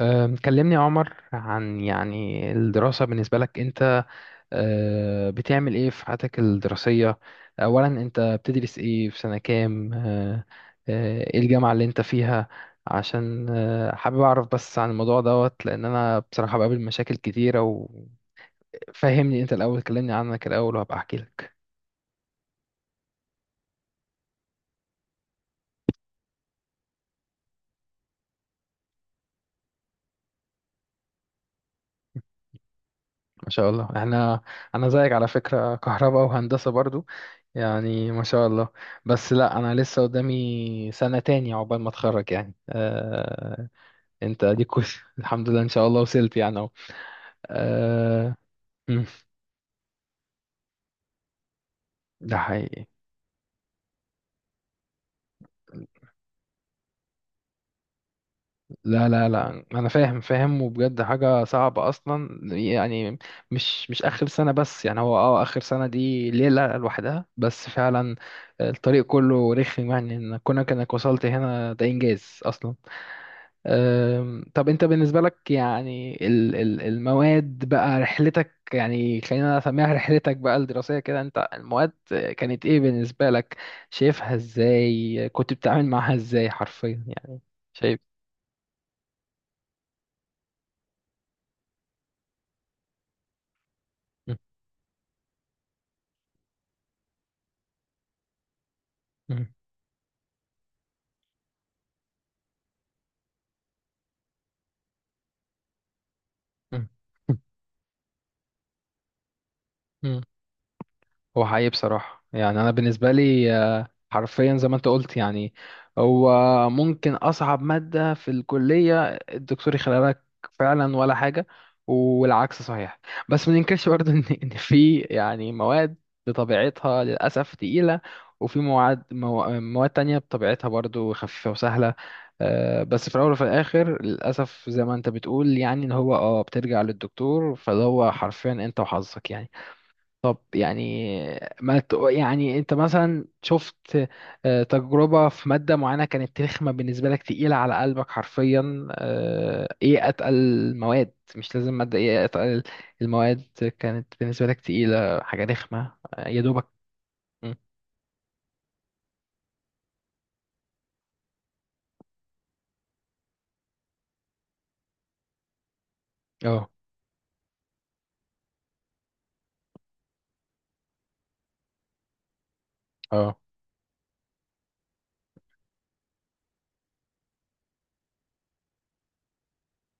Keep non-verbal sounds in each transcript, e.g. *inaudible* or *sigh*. كلمني يا عمر، عن يعني الدراسة بالنسبة لك أنت. بتعمل إيه في حياتك الدراسية؟ أولا، أنت بتدرس إيه؟ في سنة كام؟ أه، أه، إيه الجامعة اللي أنت فيها؟ عشان حابب أعرف بس عن الموضوع دوت، لأن أنا بصراحة بقابل مشاكل كتيرة. وفهمني أنت الأول، كلمني عنك الأول وهبقى أحكي لك. ما شاء الله! انا زيك على فكرة، كهرباء وهندسة برضو. يعني ما شاء الله. بس لا، انا لسه قدامي سنة تانية عقبال ما اتخرج يعني. انت اديك *laughs* الحمد لله، ان شاء الله وصلت يعني اهو. آه... مم، ده حقيقي. لا، لا، لا، انا فاهم فاهم، وبجد حاجه صعبه اصلا يعني. مش اخر سنه بس يعني، هو اه اخر سنه دي ليله لوحدها بس فعلا. الطريق كله رخم يعني، ان كونك انك وصلت هنا ده انجاز اصلا. طب انت بالنسبه لك يعني، المواد بقى، رحلتك يعني، خلينا نسميها رحلتك بقى الدراسيه كده، انت المواد كانت ايه بالنسبه لك؟ شايفها ازاي؟ كنت بتتعامل معاها ازاي حرفيا يعني؟ شايف. مم. مم. هو حقيقي بصراحة يعني، أنا بالنسبة لي حرفيا زي ما أنت قلت يعني، هو ممكن أصعب مادة في الكلية الدكتور يخليها لك فعلا ولا حاجة، والعكس صحيح. بس ما ننكرش برضه *laughs* إن في يعني مواد بطبيعتها للأسف تقيلة، وفي مواد مواد تانية بطبيعتها برضه خفيفة وسهلة. بس في الأول وفي الآخر للأسف زي ما أنت بتقول يعني، إن هو أه بترجع للدكتور، فده هو حرفيا أنت وحظك يعني. طب يعني ما ت- يعني انت مثلا شفت تجربة في مادة معينة كانت رخمة بالنسبة لك، تقيلة على قلبك حرفيا؟ ايه اتقل المواد؟ مش لازم مادة، ايه اتقل المواد كانت بالنسبة لك تقيلة، حاجة رخمة يا دوبك؟ مم. اه اه.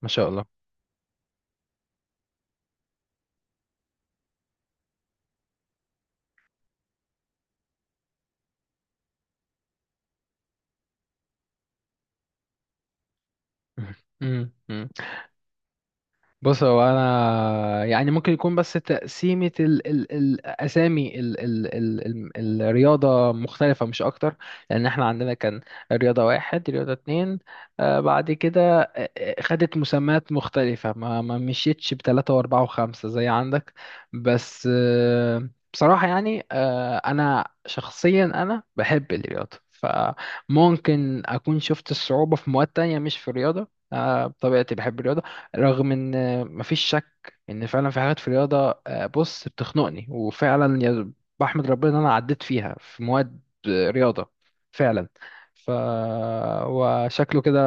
ما شاء الله. مم. مم. بص، هو انا يعني ممكن يكون بس تقسيمة ال الاسامي ال الرياضة مختلفة، مش اكتر. لان احنا عندنا كان رياضة واحد، رياضة اتنين، آه بعد كده خدت مسميات مختلفة، ما مشيتش بتلاتة واربعة وخمسة زي عندك. بس آه بصراحة يعني آه انا شخصيا انا بحب الرياضة، فممكن اكون شفت الصعوبة في مواد تانية مش في الرياضة. آه، بطبيعتي بحب الرياضة، رغم ان مفيش شك ان فعلا في حاجات في الرياضه بص بتخنقني، وفعلا يا بحمد ربنا ان انا عديت فيها في مواد رياضه فعلا. ف، وشكله كده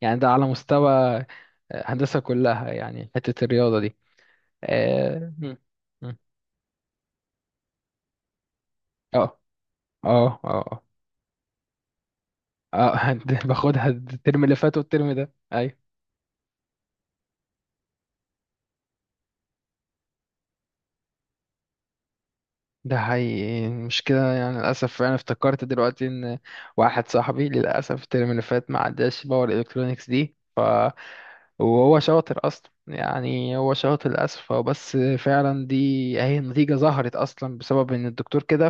يعني، ده على مستوى هندسه كلها يعني، حته الرياضه دي. اه م- م. اه اه اه. آه. آه، *laughs* باخدها الترم اللي فات والترم ده، ايوه. ده حقيقي. المشكلة يعني للأسف، أنا افتكرت دلوقتي إن واحد صاحبي للأسف الترم اللي فات ما عداش باور إلكترونيكس دي، وهو شاطر أصلا يعني، هو شاطر للأسف، هو بس فعلا دي أهي، النتيجة ظهرت أصلا بسبب إن الدكتور كده.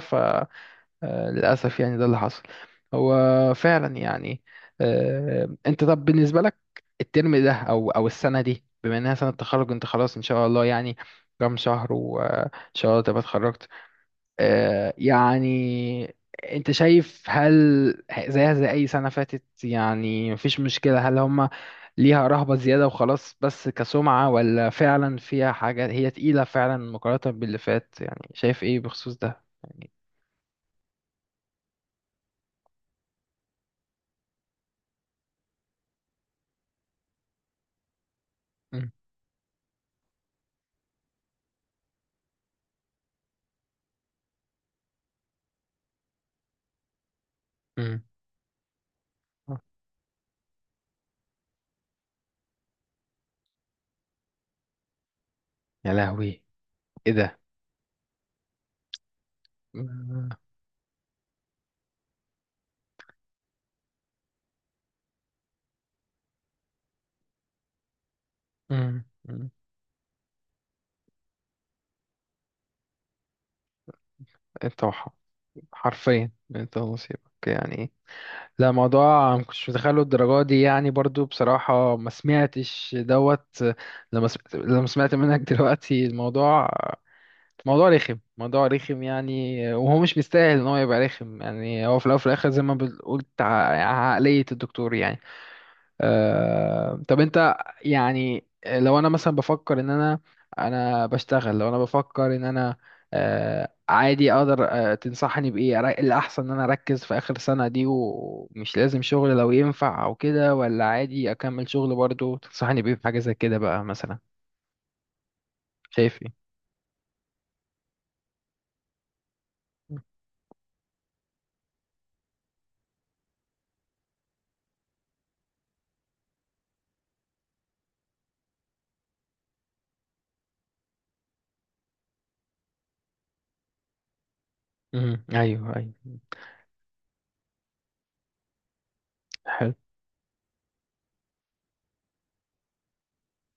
فللأسف يعني ده اللي حصل، هو فعلا يعني. أنت طب بالنسبة لك الترم ده، أو السنة دي، بما إنها سنة تخرج، أنت خلاص إن شاء الله يعني، كام شهر وإن شاء الله تبقى اتخرجت. يعني انت شايف، هل زيها زي اي سنة فاتت يعني، مفيش مشكلة؟ هل هم ليها رهبة زيادة وخلاص بس كسمعة، ولا فعلا فيها حاجة هي تقيلة فعلا مقارنة باللي فات يعني؟ شايف ايه بخصوص ده يعني؟ مم. مم. يا لهوي! ايه ده؟ مم. مم. مم. انت وح- حرفيا انت ونصيبك يعني. لا، موضوع ما كنتش متخيله الدرجة دي يعني برضو بصراحة، ما سمعتش دوت لما سمعت، لما سمعت منك *laughs* دلوقتي الموضوع. موضوع رخم، موضوع رخم يعني، وهو مش مستاهل ان هو يبقى رخم يعني. هو في الاول وفي الاخر زي ما بتقول عقلية الدكتور يعني. طب انت يعني، لو انا مثلا بفكر ان انا، انا بشتغل، لو انا بفكر ان انا عادي اقدر تنصحني بايه الاحسن ان انا اركز في اخر سنة دي ومش لازم شغل لو ينفع او كده، ولا عادي اكمل شغل برضو؟ تنصحني بايه في حاجة زي كده بقى مثلا؟ شايف ايه؟ ايوه، ايوه. حلو.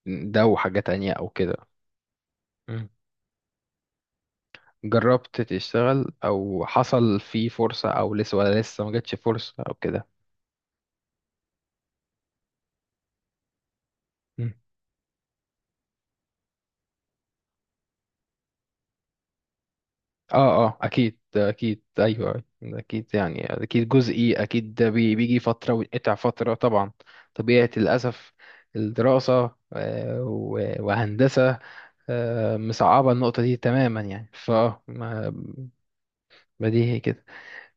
ده وحاجة تانية او كده؟ مم. جربت تشتغل او حصل في فرصة او لسه؟ ولا لسه ما جاتش فرصة او كده؟ اه اه، اكيد اكيد، ايوه، أيوة، اكيد يعني، اكيد جزئي اكيد، ده بيجي فتره وينقطع فتره، طبعا طبيعه للاسف الدراسه وهندسه مصعبه النقطه دي تماما يعني. ف، ما ما دي هي كده.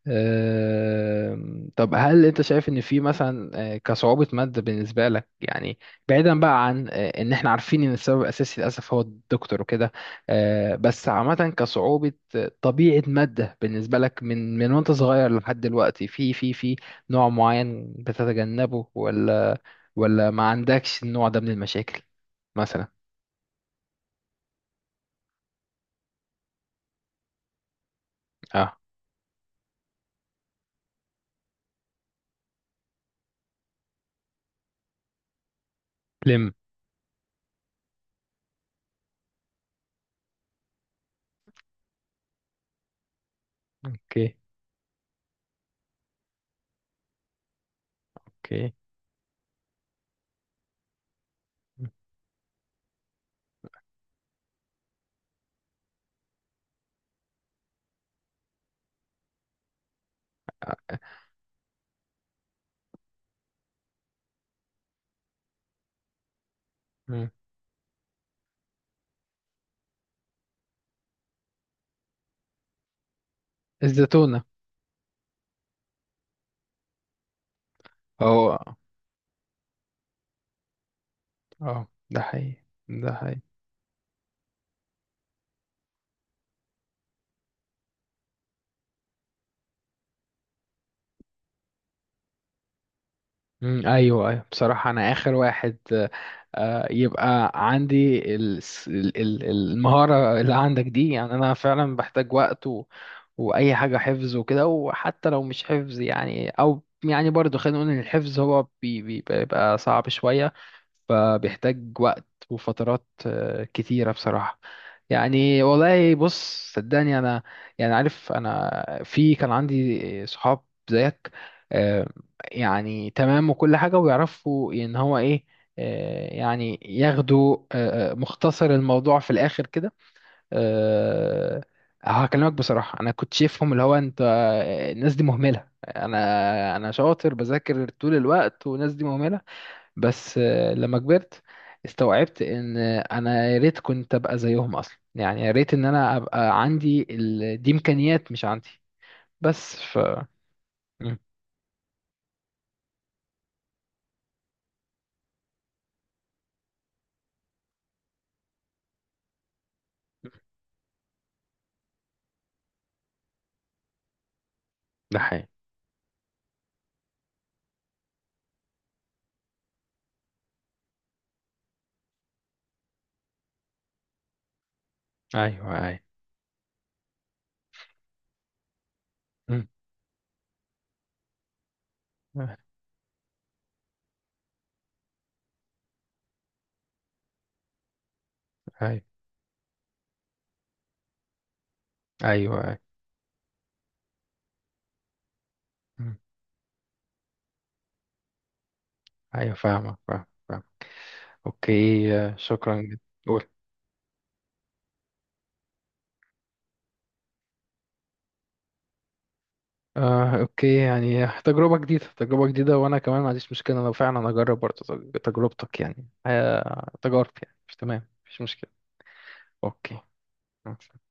طب هل انت شايف ان في مثلا كصعوبة مادة بالنسبة لك يعني، بعيدا بقى عن ان احنا عارفين ان السبب الاساسي للاسف هو الدكتور وكده؟ بس عامة كصعوبة طبيعة مادة بالنسبة لك، من وانت صغير لحد دلوقتي، في في نوع معين بتتجنبه؟ ولا ولا ما عندكش النوع ده من المشاكل مثلا؟ اه. لم. اوكي. اوكي. مم. الزتونة. اه اه، ده حقيقي، ده حقيقي. مم، ايوه ايوه، بصراحه انا اخر واحد يبقى عندي المهاره اللي عندك دي يعني. انا فعلا بحتاج وقت و... واي حاجه حفظ وكده، وحتى لو مش حفظ يعني، او يعني برضو خلينا نقول ان الحفظ هو بيبقى صعب شويه، فبيحتاج وقت وفترات كتيره بصراحه يعني. والله بص صدقني انا يعني، عارف انا في، كان عندي صحاب زيك آه، يعني تمام وكل حاجة، ويعرفوا ان هو ايه يعني ياخدوا مختصر الموضوع في الاخر كده. آه، هكلمك بصراحة، انا كنت شايفهم اللي هو انت الناس دي مهملة، انا شاطر بذاكر طول الوقت والناس دي مهملة. بس لما كبرت استوعبت ان انا يا ريت كنت ابقى زيهم اصلا يعني، يا ريت ان انا ابقى عندي ال... دي امكانيات مش عندي. بس ف. مم. ده حقيقي. ايوه ايوه. مم. ايوه ايوه ايوه. مم. أيوة، فاهمك فاهمك فاهمك. اوكي شكرا جدا. قول. اوكي يعني، تجربة جديدة، تجربة جديدة، وانا كمان ما عنديش مشكلة لو فعلا اجرب برضه تجربتك يعني. تجارب يعني، مش تمام، مفيش مشكلة. اوكي.